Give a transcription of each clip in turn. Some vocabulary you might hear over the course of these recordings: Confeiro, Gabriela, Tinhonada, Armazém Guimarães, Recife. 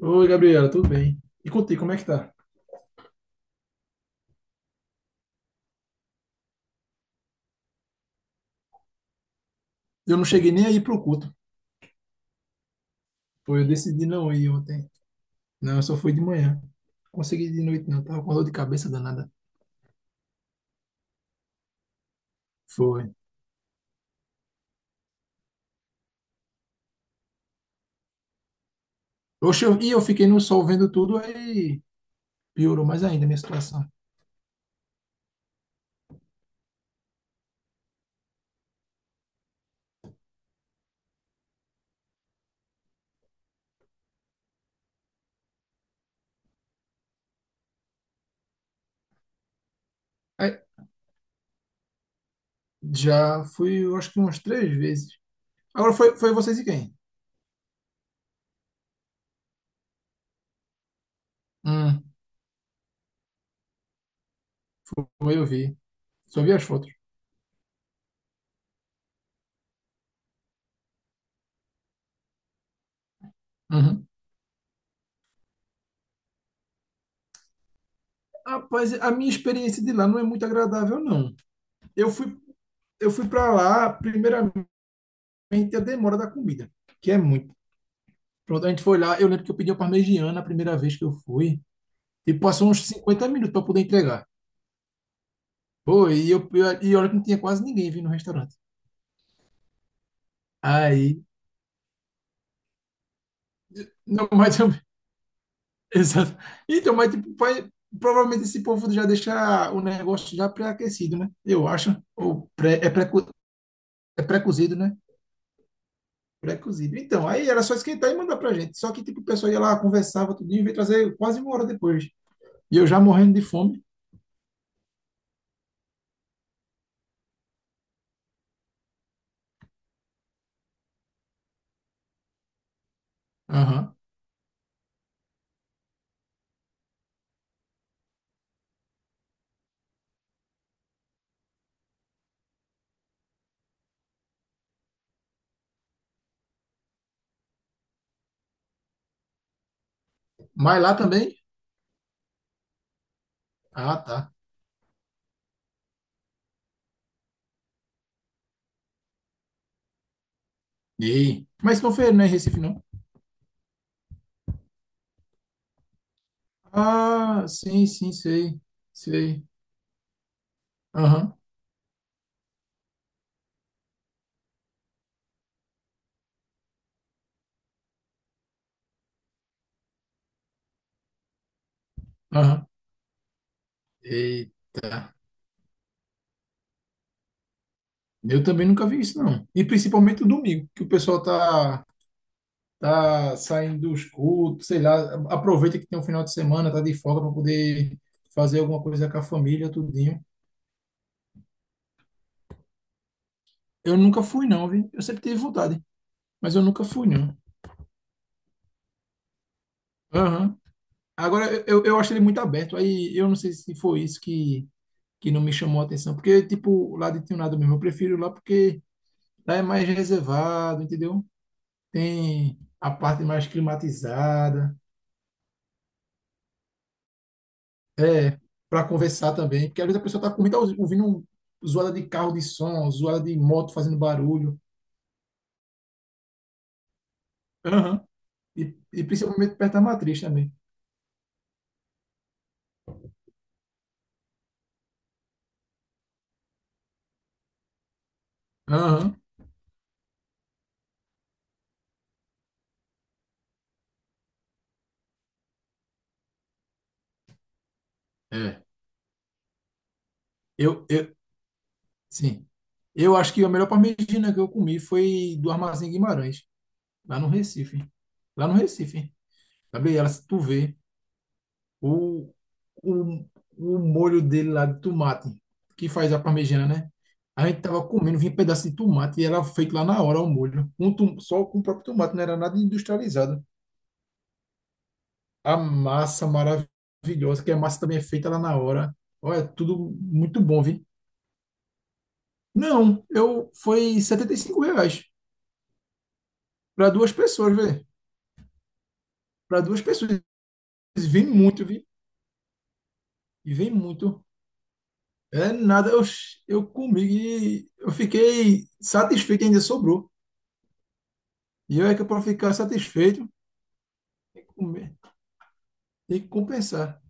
Oi, Gabriela, tudo bem? E contigo, como é que tá? Eu não cheguei nem aí pro culto. Pô, eu decidi não ir ontem. Não, eu só fui de manhã. Consegui de noite, não. Tava com dor de cabeça danada. Foi. Oxe, eu fiquei no sol vendo tudo, aí piorou mais ainda a minha situação. Aí, já fui, eu acho que umas três vezes. Agora foi vocês e quem? Hum, Foi, eu vi. Só vi as fotos. Uhum. Rapaz, a minha experiência de lá não é muito agradável, não. Eu fui, eu fui para lá, primeiramente, a demora da comida, que é muito. Pronto, a gente foi lá. Eu lembro que eu pedi uma parmegiana a primeira vez que eu fui. E passou uns 50 minutos para poder entregar. Pô, e olha que não tinha quase ninguém vindo no restaurante. Aí. Não, mas eu- Exato. Então, mas tipo, vai- provavelmente esse povo já deixa o negócio já pré-aquecido, né? Eu acho. Ou pré, é pré, É pré-cozido, né? Pré-cozido. Então, aí era só esquentar e mandar pra gente. Só que, tipo, o pessoal ia lá, conversava, tudinho, e veio trazer quase uma hora depois. E eu já morrendo de fome. Aham. Mas lá também. Ah, tá. Ei. Mas Confeiro não é em Recife, não? Ah, sim, sim, sei. Sei. Aham, aham. Eita. Eu também nunca vi isso, não. E principalmente o domingo, que o pessoal tá, tá saindo dos cultos, sei lá, aproveita que tem um final de semana, tá de folga para poder fazer alguma coisa com a família, tudinho. Eu nunca fui, não, viu? Eu sempre tive vontade, mas eu nunca fui, não. Aham. Agora, eu acho ele muito aberto, aí eu não sei se foi isso que não me chamou a atenção. Porque, tipo, lá de Tinhonada mesmo, eu prefiro lá porque lá é mais reservado, entendeu? Tem a parte mais climatizada, é, para conversar também. Porque às vezes a pessoa tá com muita, ouvindo um- zoada de carro de som, zoada de moto fazendo barulho. Aham. E, e principalmente perto da matriz também. Aham. É. Eu, eu, sim. Eu acho que a melhor parmegiana que eu comi foi do Armazém Guimarães, lá no Recife. Lá no Recife. Sabe? Ela, se tu vê. o, o, o molho dele lá de tomate, que faz a parmegiana, né? A gente tava comendo, vinha pedaço de tomate e era feito lá na hora o molho. Com tom- só com o próprio tomate, não era nada industrializado. A massa maravilhosa, que a massa também é feita lá na hora. Olha, tudo muito bom, viu? Não, eu foi R$ 75 para duas pessoas, velho. Para duas pessoas. Vem muito, vi. E vem muito. É nada, eu comi e eu fiquei satisfeito, ainda sobrou. E eu é que para ficar satisfeito, tem que comer, tem que compensar.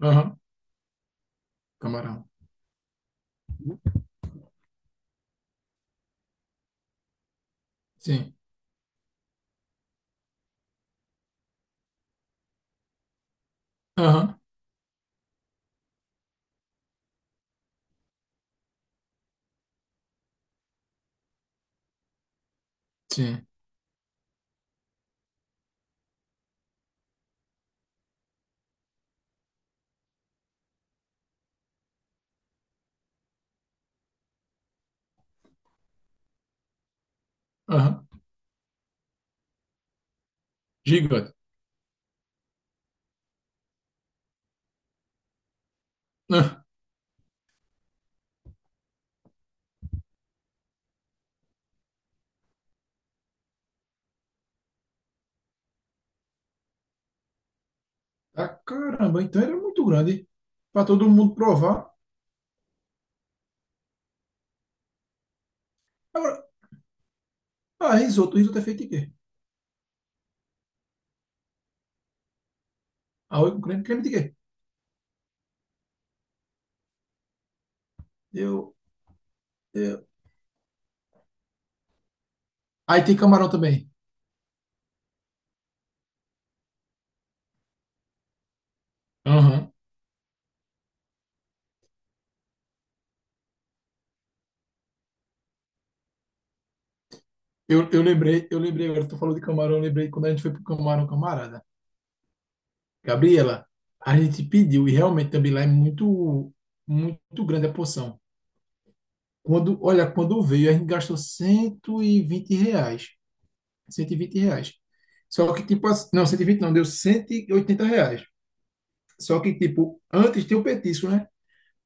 Aham, camarão. Sim. Aham, sim. Aham, gigante. Ah, ah, caramba, então era muito grande para todo mundo provar. Agora, ah, risoto é feito de quê? Arroz com creme, creme de quê? Eu, eu- Aí tem camarão também. Aham. Eu lembrei agora, tu falou de camarão, eu lembrei quando a gente foi pro camarão, camarada. Gabriela, a gente pediu e realmente também lá é muito, muito grande a porção. Quando, olha, quando veio, a gente gastou R$ 120. R$ 120. Só que, tipo, assim- não, 120 não, deu R$ 180. Só que, tipo, antes tem o petisco, né?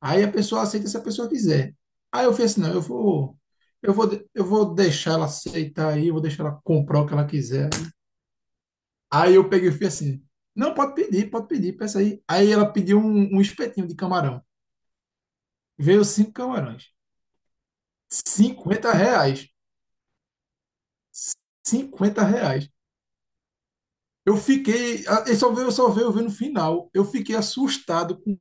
Aí a pessoa aceita se a pessoa quiser. Aí eu fiz assim, não, eu vou deixar ela aceitar aí, eu vou deixar ela comprar o que ela quiser. Aí eu peguei e fui assim, não, pode pedir, peça aí. Aí ela pediu um espetinho de camarão. Veio cinco camarões. R$ 50. R$ 50. Eu fiquei, a- eu só veio ver no final. Eu fiquei assustado com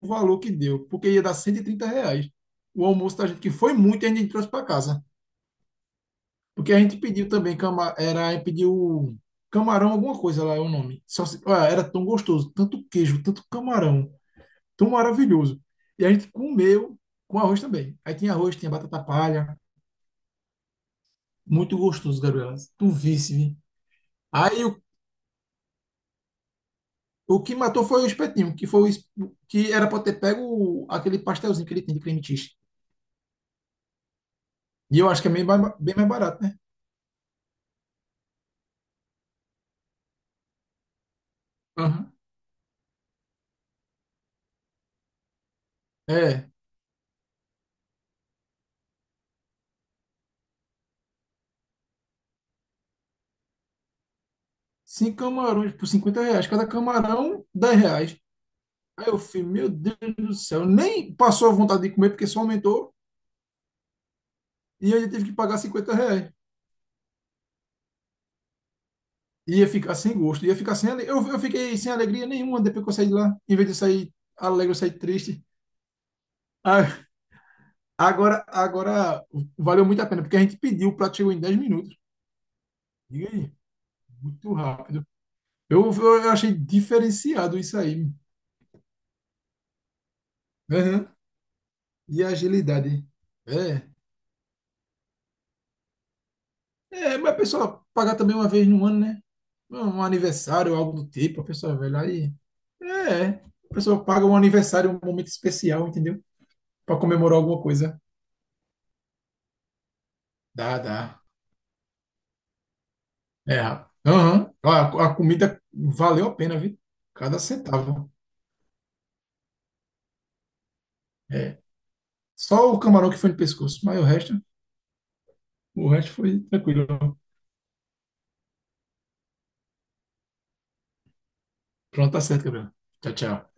o valor que deu, porque ia dar R$ 130 o almoço da gente, que foi muito e a gente trouxe para casa. Porque a gente pediu também, cama, era, a gente pediu camarão, alguma coisa lá, é o nome. Só, se- ah, era tão gostoso, tanto queijo, tanto camarão, tão maravilhoso. E a gente comeu com arroz também. Aí tinha arroz, tinha batata palha, muito gostoso, Gabriela. Tu visse, vi. Aí o. O que matou foi o espetinho, que foi o es- que era para ter pego o- aquele pastelzinho que ele tem de creme cheese. E eu acho que é bem, ba- bem mais barato, né? Aham. É, cinco camarões por R$ 50. Cada camarão, R$ 10. Aí eu fui, meu Deus do céu, nem passou a vontade de comer porque só aumentou e eu ainda tive que pagar R$ 50. Ia ficar sem gosto, ia ficar sem ale... eu fiquei sem alegria nenhuma depois que eu saí de lá. Em vez de sair alegre, eu saí triste. Ah, agora valeu muito a pena, porque a gente pediu, o prato chegou em 10 minutos. Diga aí. Muito rápido. Eu achei diferenciado isso aí. Aham. E a agilidade. É. É, mas a pessoa pagar também uma vez no ano, né? Um aniversário, algo do tipo, a pessoa vai lá e. É. A pessoa paga um aniversário, um momento especial, entendeu? Para comemorar alguma coisa. Dá, dá. É. Aham. A comida valeu a pena, viu? Cada centavo. É. Só o camarão que foi no pescoço, mas o resto foi tranquilo. Pronto, tá certo, Gabriel. Tchau, tchau.